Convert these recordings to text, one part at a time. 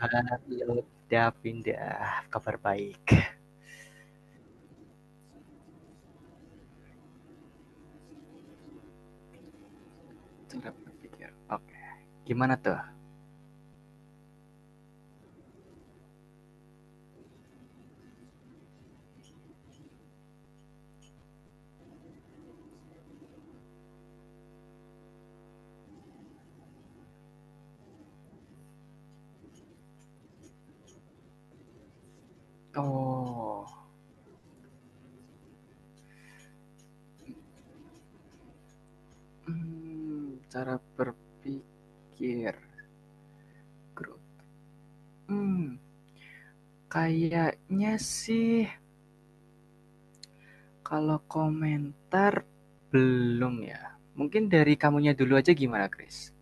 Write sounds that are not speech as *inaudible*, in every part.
Halo, udah pindah. Kabar baik. Cara berpikir. Oke. Okay. Gimana tuh? Oh. Cara berpikir grup. Hmm, kayaknya sih kalau komentar belum ya. Mungkin dari kamunya dulu aja gimana, Chris?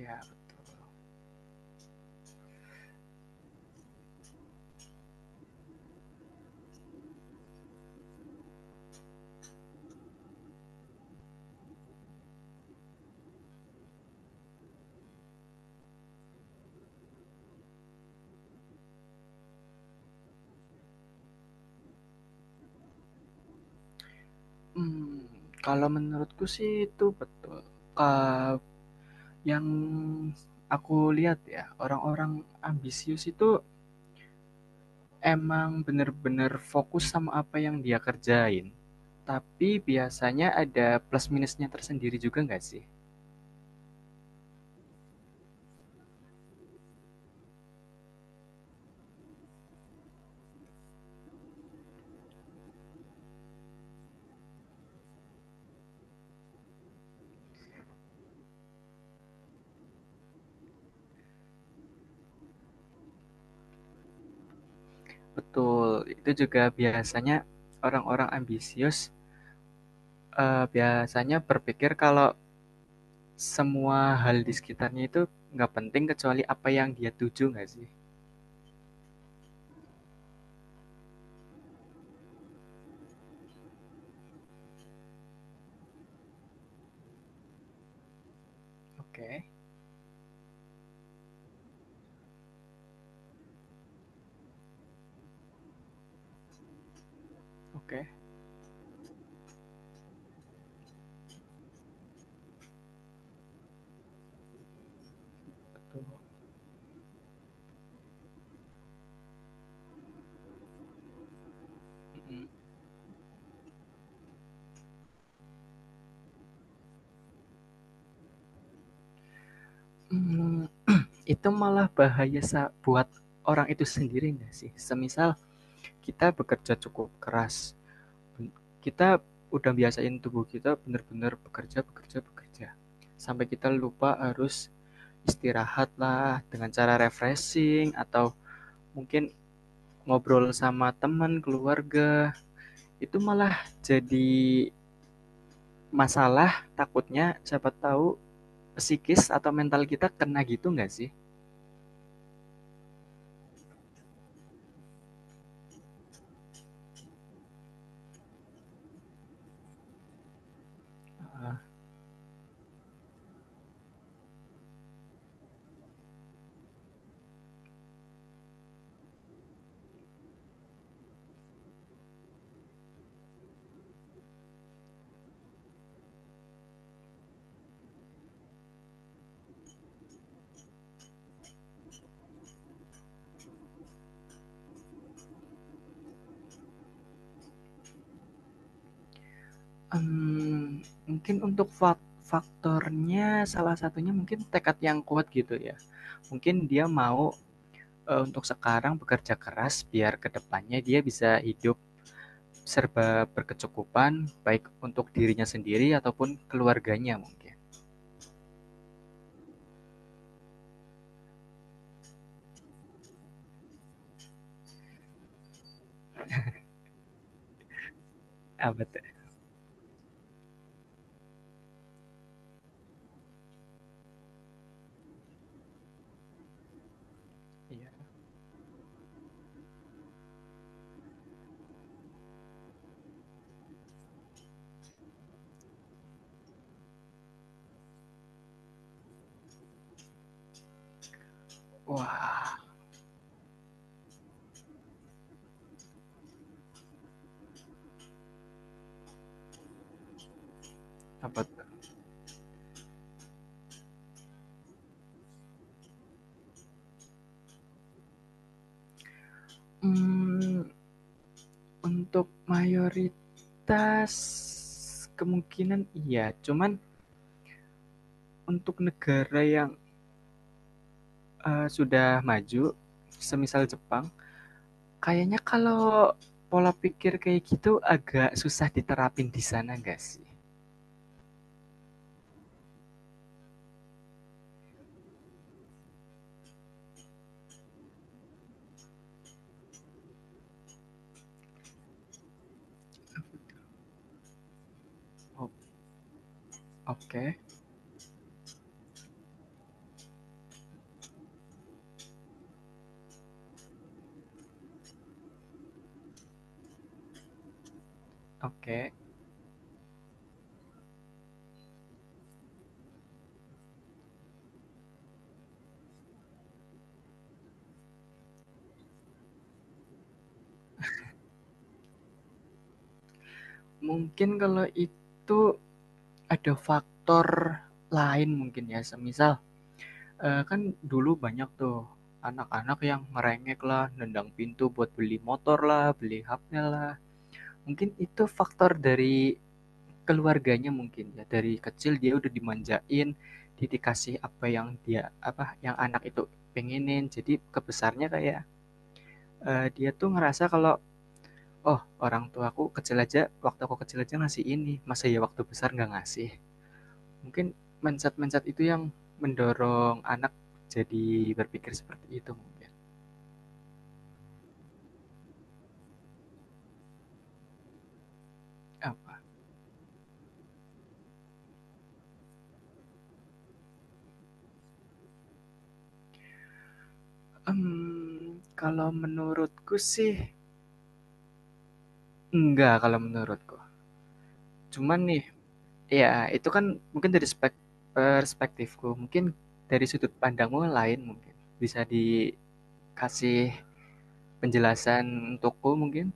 Ya betul. Hmm, kalau menurutku sih itu betul. Eh, yang aku lihat ya, orang-orang ambisius itu emang bener-bener fokus sama apa yang dia kerjain. Tapi biasanya ada plus minusnya tersendiri juga nggak sih? Betul, itu juga biasanya orang-orang ambisius, biasanya berpikir kalau semua hal di sekitarnya itu nggak penting kecuali apa yang dia tuju nggak sih? Oke, oke. Hmm, itu malah bahaya buat orang itu sendiri nggak sih? Semisal kita bekerja cukup keras, kita udah biasain tubuh kita benar-benar bekerja, bekerja, bekerja. Sampai kita lupa harus istirahat lah dengan cara refreshing atau mungkin ngobrol sama teman, keluarga. Itu malah jadi masalah takutnya siapa tahu psikis atau mental kita kena gitu nggak sih? Mungkin untuk faktornya salah satunya mungkin tekad yang kuat gitu ya. Mungkin dia mau untuk sekarang bekerja keras biar kedepannya dia bisa hidup serba berkecukupan, baik untuk dirinya sendiri ataupun keluarganya mungkin. Ah betul. Iya. Wah, apa tuh? Mmm, untuk mayoritas kemungkinan iya, cuman untuk negara yang, sudah maju, semisal Jepang, kayaknya kalau pola pikir kayak gitu agak susah diterapin di sana nggak sih? Oke oke. Mungkin kalau itu ada faktor lain mungkin ya, semisal, kan dulu banyak tuh anak-anak yang ngerengek lah, nendang pintu buat beli motor lah, beli HP lah. Mungkin itu faktor dari keluarganya mungkin ya, dari kecil dia udah dimanjain, dia dikasih apa yang dia apa, yang anak itu pengenin. Jadi kebesarnya kayak, dia tuh ngerasa kalau, "Oh, orang tuaku kecil aja waktu aku kecil aja ngasih ini, masa ya waktu besar nggak ngasih?" Mungkin mindset-mindset itu yang mendorong anak jadi berpikir seperti itu mungkin. Apa? Kalau menurutku sih enggak kalau menurutku. Cuman nih ya itu kan mungkin dari perspektifku, mungkin dari sudut pandangmu lain mungkin. Bisa dikasih penjelasan untukku mungkin?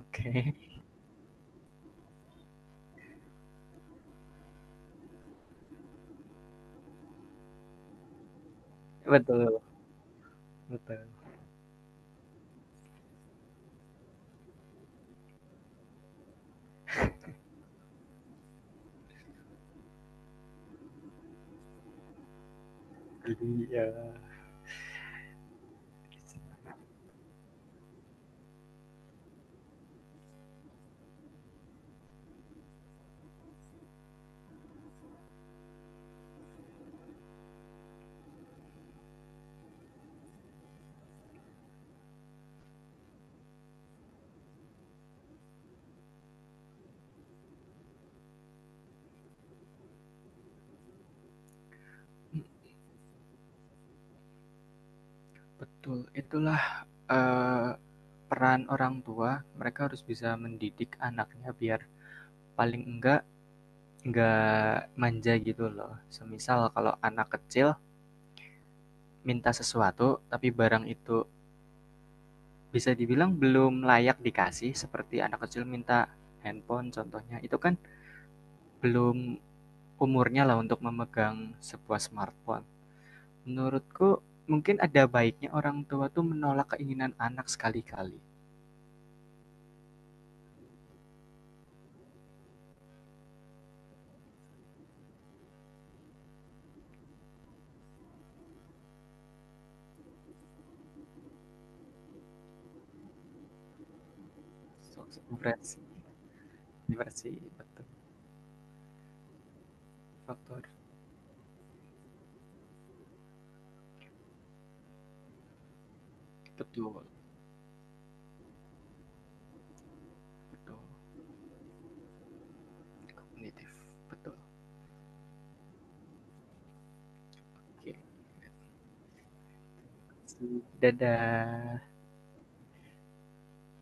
Oke, *laughs* Okay. Betul betul. Jadi ya, betul, itulah, eee, peran orang tua, mereka harus bisa mendidik anaknya biar paling enggak manja gitu loh. Semisal kalau anak kecil minta sesuatu tapi barang itu bisa dibilang belum layak dikasih seperti anak kecil minta handphone contohnya itu kan belum umurnya lah untuk memegang sebuah smartphone. Menurutku mungkin ada baiknya orang tua tuh menolak keinginan anak sekali-kali. So, so, betul. Faktor betul, betul. Kognitif betul. Oke. Okay. Dadah.